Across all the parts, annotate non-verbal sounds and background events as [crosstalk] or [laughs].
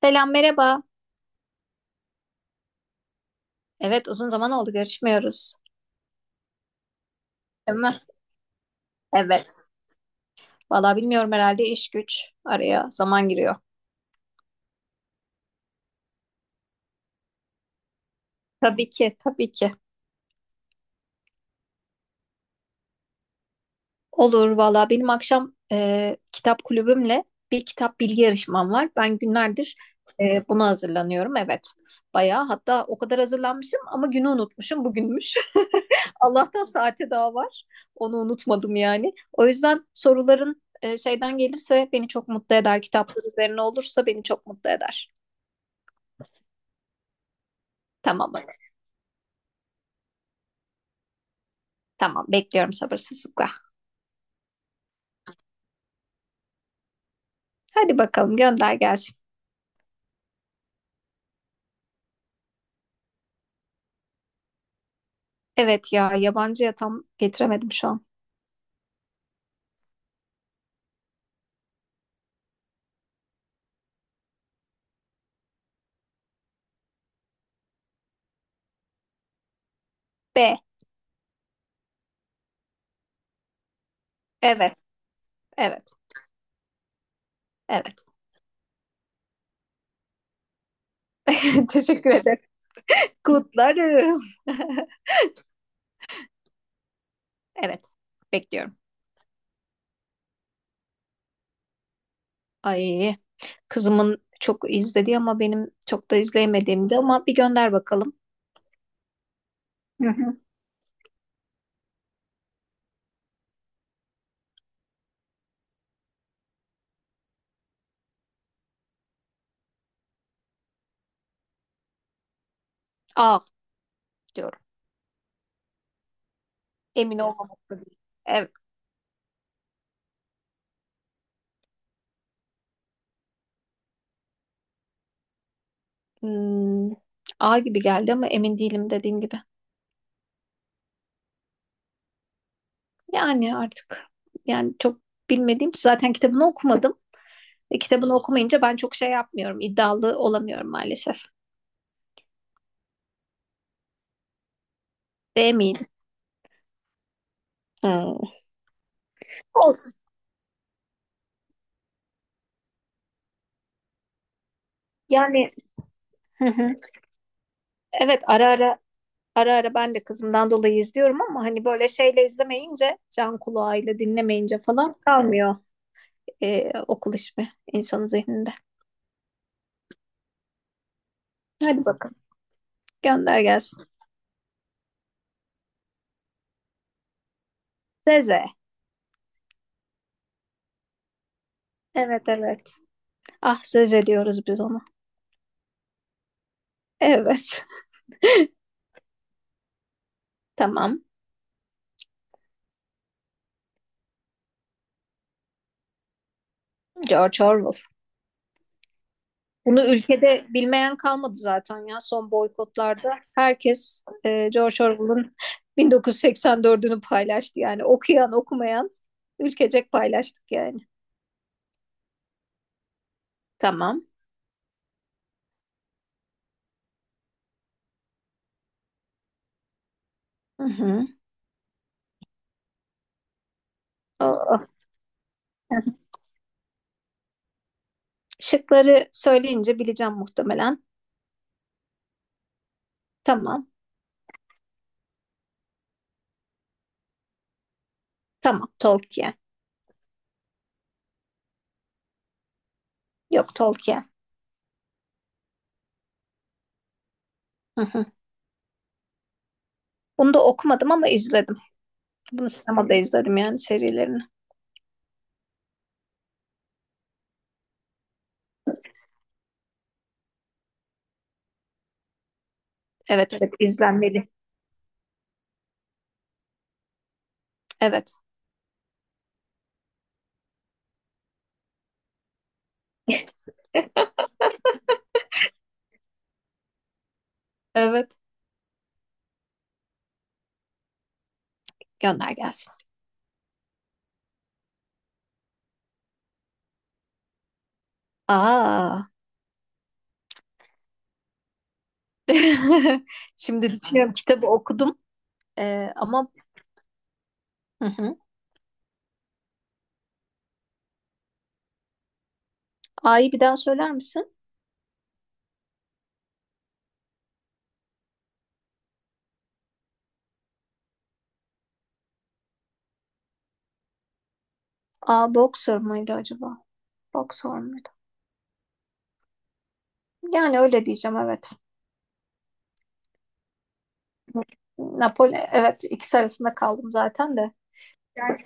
Selam, merhaba. Evet, uzun zaman oldu, görüşmüyoruz. Değil mi? Evet. Valla bilmiyorum, herhalde iş güç araya zaman giriyor. Tabii ki, tabii ki. Olur valla, benim akşam kitap kulübümle bir kitap bilgi yarışmam var. Ben günlerdir buna hazırlanıyorum, evet. Bayağı, hatta o kadar hazırlanmışım ama günü unutmuşum, bugünmüş. [laughs] Allah'tan saate daha var. Onu unutmadım yani. O yüzden soruların şeyden gelirse beni çok mutlu eder. Kitaplar üzerine olursa beni çok mutlu eder. Tamam. Tamam, bekliyorum sabırsızlıkla. Hadi bakalım, gönder gelsin. Evet ya, yabancıya tam getiremedim şu an. B. Evet, evet, evet. [laughs] Teşekkür ederim. Kutlarım. Evet, bekliyorum. Ay, kızımın çok izlediği ama benim çok da izleyemediğimdi, ama bir gönder bakalım. Hı hı. A diyorum. Emin olmamak lazım. Evet. Hmm, A gibi geldi ama emin değilim, dediğim gibi. Yani artık, çok bilmediğim, zaten kitabını okumadım. Kitabını okumayınca ben çok şey yapmıyorum, iddialı olamıyorum maalesef. Değil miydi? Hmm. Olsun. Yani, hı hı, evet, ara ara ben de kızımdan dolayı izliyorum ama hani böyle şeyle izlemeyince, can kulağıyla dinlemeyince falan kalmıyor okul ismi insanın zihninde. Hadi bakalım, gönder gelsin. Zeze. Evet, evet. Ah Zeze diyoruz biz ona. Evet. [laughs] Tamam. George Orwell. Bunu ülkede bilmeyen kalmadı zaten ya, son boykotlarda. Herkes George Orwell'ın 1984'ünü paylaştı yani. Okuyan okumayan ülkecek paylaştık yani. Tamam. Hı hı. Aa, şıkları söyleyince bileceğim muhtemelen. Tamam. Tamam. Tolkien. Yok, Tolkien. Hı hı. Bunu da okumadım ama izledim. Bunu sinemada izledim yani, serilerini. Evet, evet, izlenmeli. Evet. [laughs] Evet. Gönder gelsin. Aa. [laughs] Şimdi düşünüyorum, kitabı okudum. Ama hı hı. A'yı bir daha söyler misin? A, boxer mıydı acaba? Boxer mıydı? Yani öyle diyeceğim, evet. Napoli, evet, ikisi arasında kaldım zaten de. Yani,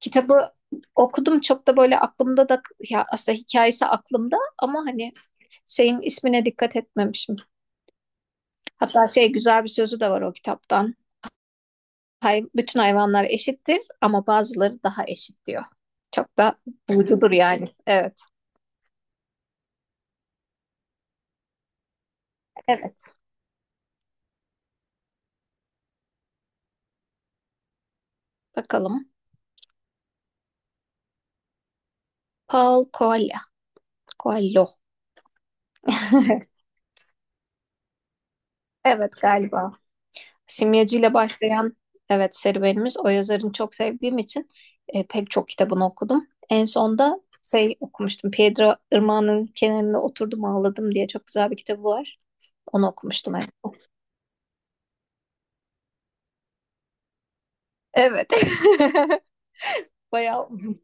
kitabı okudum, çok da böyle aklımda da, ya aslında hikayesi aklımda ama hani şeyin ismine dikkat etmemişim. Hatta şey, güzel bir sözü de var o kitaptan. Hay, bütün hayvanlar eşittir ama bazıları daha eşit diyor. Çok da vurucudur yani. Evet. Evet. Bakalım. Paul Coelho. Coelho. [laughs] Evet, galiba. Simyacı ile başlayan evet serüvenimiz, o yazarını çok sevdiğim için pek çok kitabını okudum. En sonda şey okumuştum. Pedro Irmağı'nın kenarında oturdum ağladım diye çok güzel bir kitabı var. Onu okumuştum en son. Evet. [laughs] Bayağı uzun.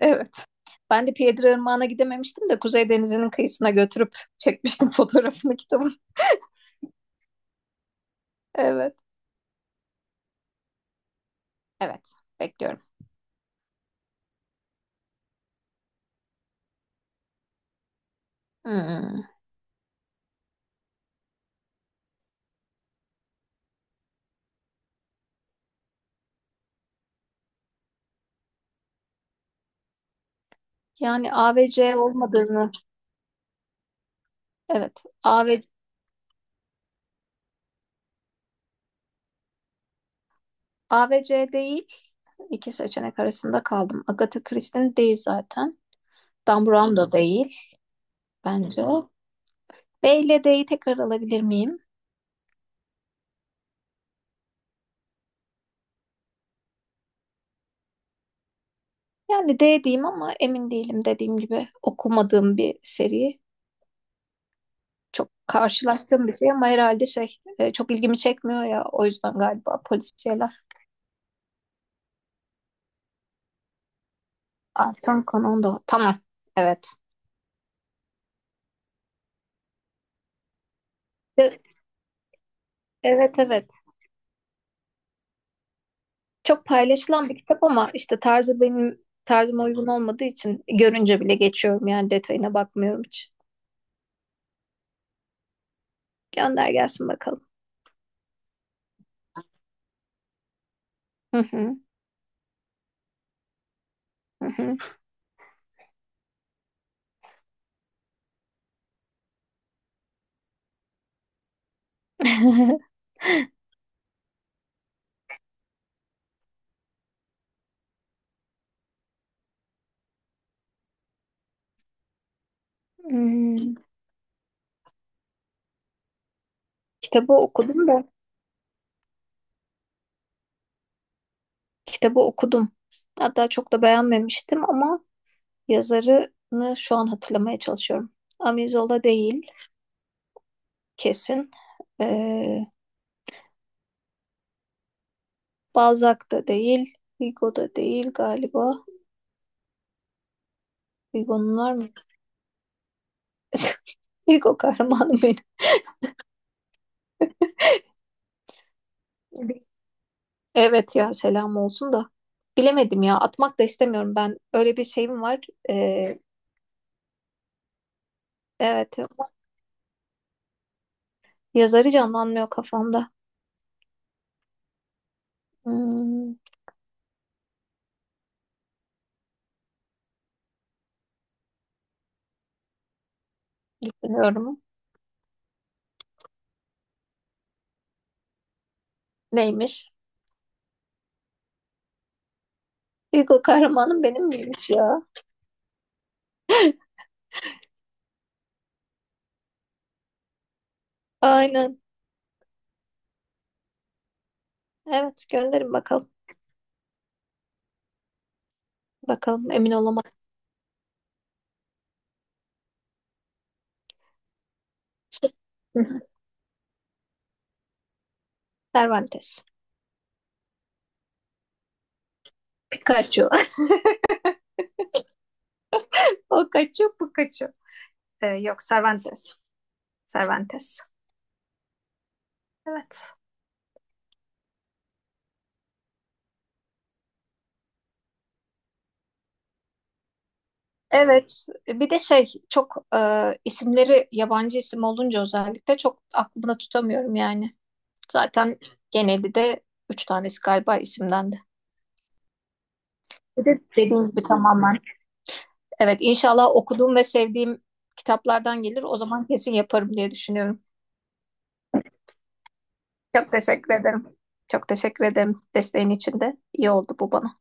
Evet. Ben de Pedro Irmağı'na gidememiştim de Kuzey Denizi'nin kıyısına götürüp çekmiştim fotoğrafını kitabın. [laughs] Evet. Evet. Bekliyorum. Hmm. Yani A ve C olmadığını, evet, A ve, A ve C değil. İki seçenek arasında kaldım. Agatha Christie'nin değil zaten. Dan Brown da değil bence. B ile D'yi tekrar alabilir miyim? Yani D diyeyim ama emin değilim, dediğim gibi okumadığım bir seri. Çok karşılaştığım bir şey ama herhalde şey, çok ilgimi çekmiyor ya, o yüzden galiba polisiyeler. Artan konu da. Tamam. Evet. De- evet, evet. Çok paylaşılan bir kitap ama işte tarzı benim tarzıma uygun olmadığı için görünce bile geçiyorum, yani detayına bakmıyorum hiç. Gönder gelsin bakalım. Hı hı, hı hı. [laughs] Hmm, Kitabı okudum da kitabı okudum. Hatta çok da beğenmemiştim ama yazarını şu an hatırlamaya çalışıyorum. Amizola değil kesin. Ee, Balzac da değil. Hugo da değil galiba. Hugo'nun var mı? [laughs] Hugo kahramanım benim. Evet ya, selam olsun da. Bilemedim ya, atmak da istemiyorum ben. Öyle bir şeyim var. Ee, evet, yazarı canlanmıyor kafamda. Hmm, bilmiyorum. Neymiş? Hugo kahramanım benim miymiş ya? Aynen. Evet, gönderin bakalım. Bakalım, emin olamadım. [laughs] Cervantes. Pikachu. [laughs] O kaçıyor, bu kaçıyor. Yok, Cervantes. Cervantes. Evet. Evet, bir de şey, çok isimleri yabancı isim olunca özellikle çok aklımda tutamıyorum yani. Zaten genelde de üç tanesi galiba isimden de. Bir de dediğim gibi tamamen. Evet, inşallah okuduğum ve sevdiğim kitaplardan gelir. O zaman kesin yaparım diye düşünüyorum. Çok teşekkür ederim. Çok teşekkür ederim desteğin için de. İyi oldu bu bana.